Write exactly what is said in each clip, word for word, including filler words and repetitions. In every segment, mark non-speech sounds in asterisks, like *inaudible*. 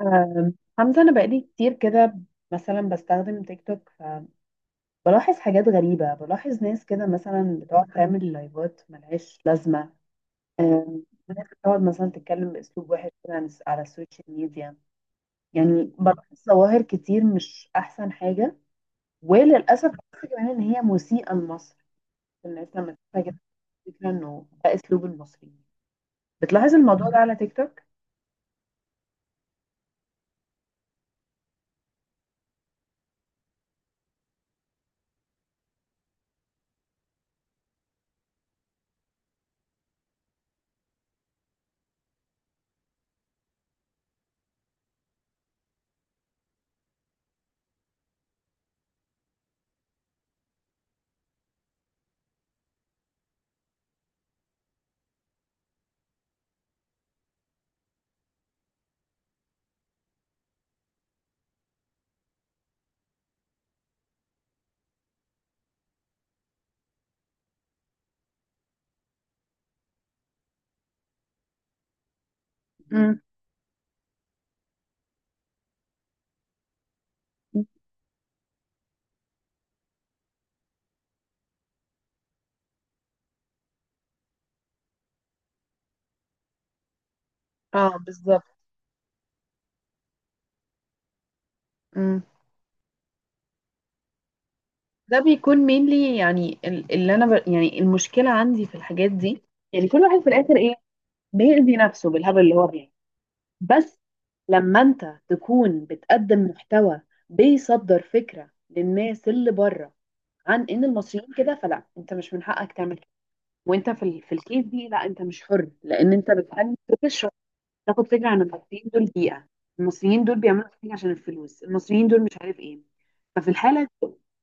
آم، حمزة، أنا بقالي كتير كده. مثلا بستخدم تيك توك، فبلاحظ حاجات غريبة، بلاحظ ناس كده مثلا بتقعد تعمل لايفات ملهاش لازمة. آم، ناس بتقعد مثلا تتكلم بأسلوب وحش كده عن- على السوشيال ميديا. يعني بلاحظ ظواهر كتير مش أحسن حاجة، وللأسف بحس كمان إن هي مسيئة لمصر، الناس لما تشوفها كده فكرة إنه ده أسلوب المصريين. بتلاحظ الموضوع ده على تيك توك؟ امم. اه، بالظبط. ده بيكون mainly، يعني ال- اللي انا ب... يعني المشكله عندي في الحاجات دي، يعني كل واحد في الاخر ايه؟ بيأذي نفسه بالهبل اللي هو بيعمله بس. لما انت تكون بتقدم محتوى، بيصدر فكره للناس اللي بره عن ان المصريين كده، فلا انت مش من حقك تعمل كده. وانت في ال... في الكيس دي، لا انت مش حر، لان انت بتقدم فكره شر- تاخد فكره عن المصريين دول بيئه، المصريين دول بيعملوا حاجه عشان الفلوس، المصريين دول مش عارف ايه. ففي الحاله،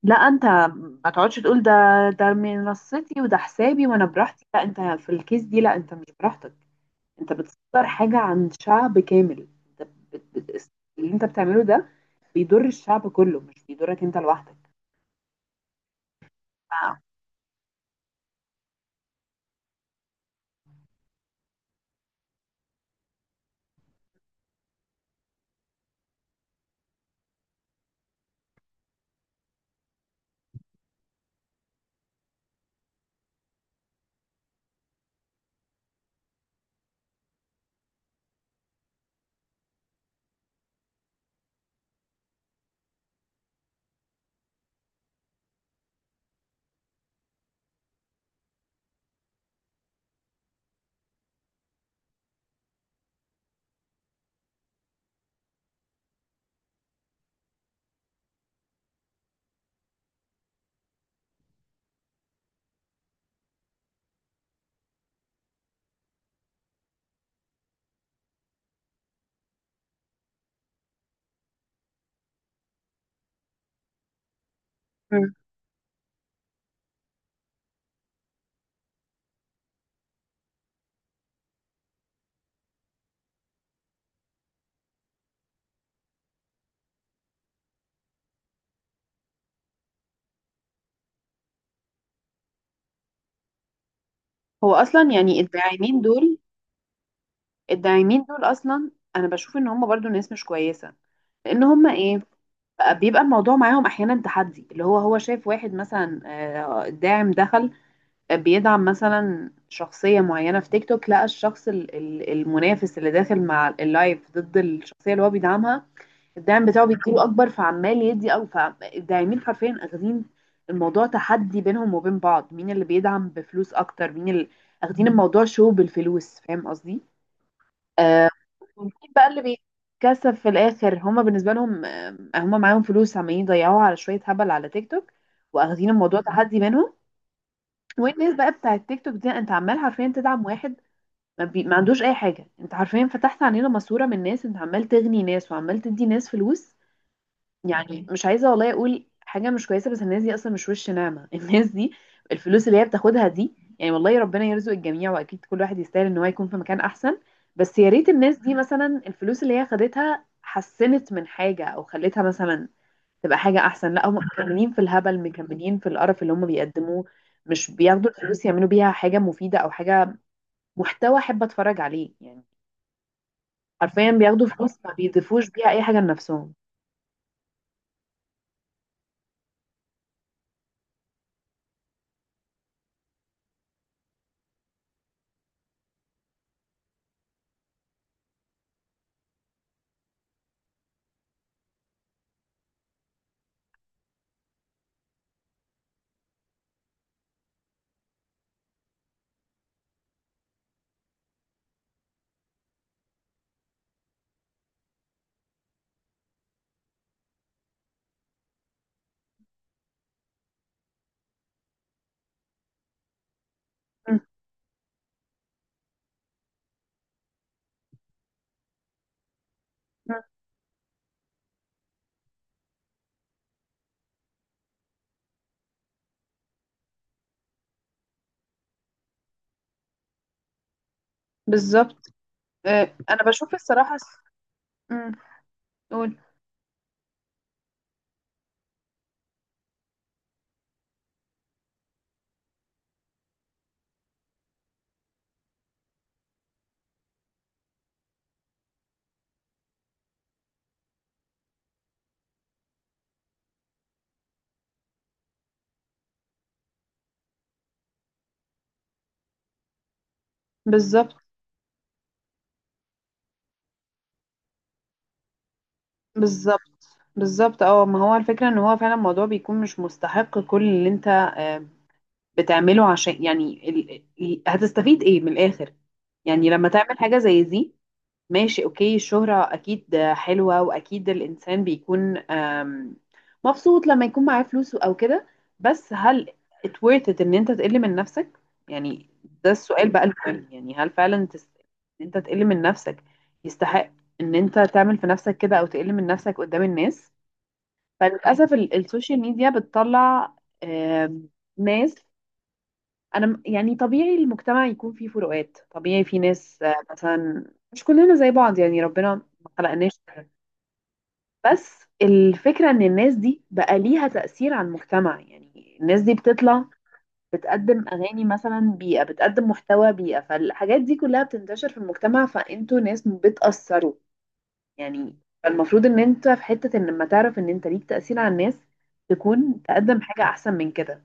لا انت ما تقعدش تقول ده ده منصتي وده حسابي وانا براحتي، لا انت في الكيس دي لا انت مش براحتك. انت بتصدر حاجة عن شعب كامل، انت بت... بت... اللي انت بتعمله ده بيضر الشعب كله، مش بيضرك انت لوحدك. ف- مم. هو اصلا يعني الداعمين دول، الداعمين دول اصلا انا بشوف ان هم برضو ناس مش كويسة. لان هم ايه؟ بقى- بيبقى الموضوع معاهم احيانا تحدي، اللي هو هو شايف واحد مثلا، آه، الداعم دخل بيدعم مثلا شخصية معينة في تيك توك، لقى الشخص ال- ال- المنافس اللي داخل مع اللايف ضد الشخصية اللي هو بيدعمها، الدعم بتاعه بيديله أكبر، فعمال يدي، أو فالداعمين حرفيا أخذين الموضوع تحدي بينهم وبين بعض، مين اللي بيدعم بفلوس أكتر، مين اللي أخدين الموضوع شو بالفلوس. فاهم قصدي؟ آه، مين بقى اللي بيتكسب في الآخر؟ هما بالنسبة لهم، آه، هما معاهم فلوس عمالين يضيعوها على شوية هبل على تيك توك، وأخدين الموضوع تحدي منهم. والناس بقى بتاع التيك توك دي، انت عمال حرفيا تدعم واحد ما, بي... ما عندوش اي حاجه، انت حرفيا فتحت علينا ماسوره من ناس، انت عمال تغني ناس وعمال تدي ناس فلوس. يعني مش عايزه والله اقول حاجه مش كويسه، بس الناس دي اصلا مش وش نعمه *laughs* الناس دي. الفلوس اللي هي بتاخدها دي، يعني والله ربنا يرزق الجميع، واكيد كل واحد يستاهل ان هو يكون في مكان احسن، بس يا ريت الناس دي مثلا الفلوس اللي هي خدتها حسنت من حاجه، او خلتها مثلا تبقى حاجة أحسن. لا هم *laughs* مكملين في الهبل، مكملين في القرف اللي هم بيقدموه. مش بياخدوا الفلوس يعملوا بيها حاجة مفيدة، أو حاجة محتوى أحب أتفرج عليه يعني. حرفيا بياخدوا فلوس ما بيضيفوش بيها أي حاجة لنفسهم. مم. مم. بالظبط. آه، انا بشوف الصراحه س- مم. قول. بالظبط. بالظبط. بالظبط، اه ما هو الفكره ان هو فعلا الموضوع بيكون مش مستحق كل اللي انت آه، بتعمله، عشان يعني ال... ال- هتستفيد ايه من الاخر؟ يعني لما تعمل حاجه زي دي، ماشي اوكي، الشهرة اكيد حلوة، واكيد الانسان بيكون آم، مبسوط لما يكون معاه فلوس او كده. بس هل it worth it ان انت تقل من نفسك؟ يعني ده السؤال بقى المهم، يعني هل فعلا تس... ان انت تقل من نفسك يستحق ان انت تعمل في نفسك كده او تقل من نفسك قدام الناس؟ فللاسف ال- السوشيال ميديا بتطلع آم، ناس. انا م- يعني طبيعي المجتمع يكون فيه فروقات، طبيعي في ناس آه، مثلا مش كلنا زي بعض، يعني ربنا ما خلقناش كده. بس الفكرة ان الناس دي بقى ليها تأثير على المجتمع، يعني الناس دي بتطلع بتقدم اغاني مثلا بيئة، بتقدم محتوى بيئة، فالحاجات دي كلها بتنتشر في المجتمع، فانتوا ناس بتأثروا يعني. فالمفروض ان انت في حتة ان لما تعرف ان انت ليك تأثير على الناس، تكون تقدم حاجة احسن من كده.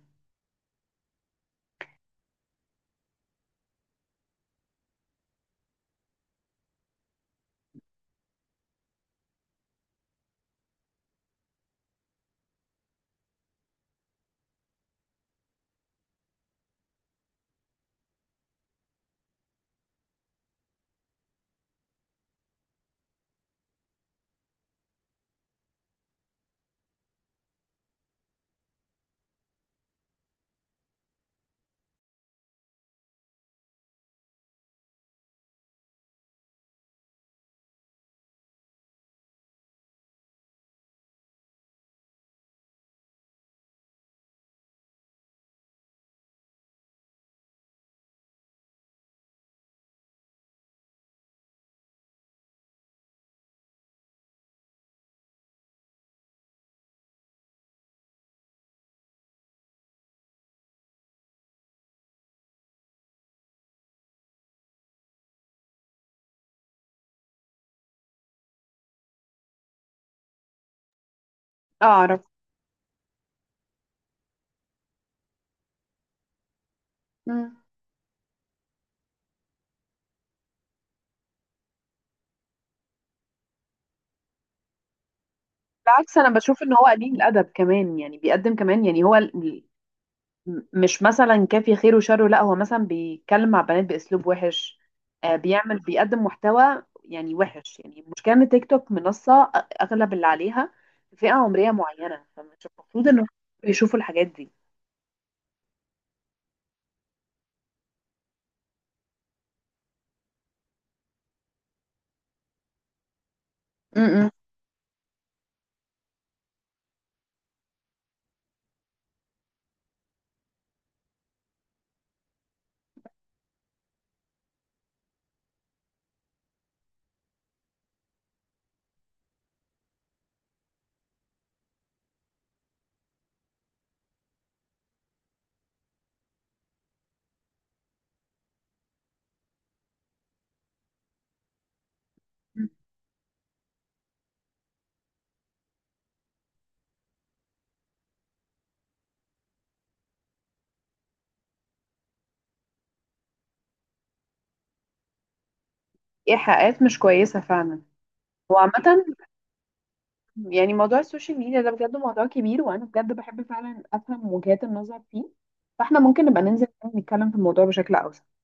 اعرف. مم. بالعكس، انا بشوف ان هو قليل الادب كمان، يعني بيقدم كمان، يعني هو ال- ال- مش مثلا كافي خير وشره، لا هو مثلا بيتكلم مع بنات باسلوب وحش. آه، بيعمل بيقدم محتوى يعني وحش. يعني المشكله ان تيك توك منصه، أ- اغلب اللي عليها فئه عمريه معينه، فمش المفروض ان هم يشوفوا الحاجات دي. م- م. ايحاءات مش كويسه فعلا. وعامة يعني موضوع السوشيال ميديا ده بجد موضوع كبير، وأنا بجد بحب فعلا أفهم وجهات النظر فيه، فاحنا ممكن نبقى ننزل نتكلم في الموضوع بشكل أوسع.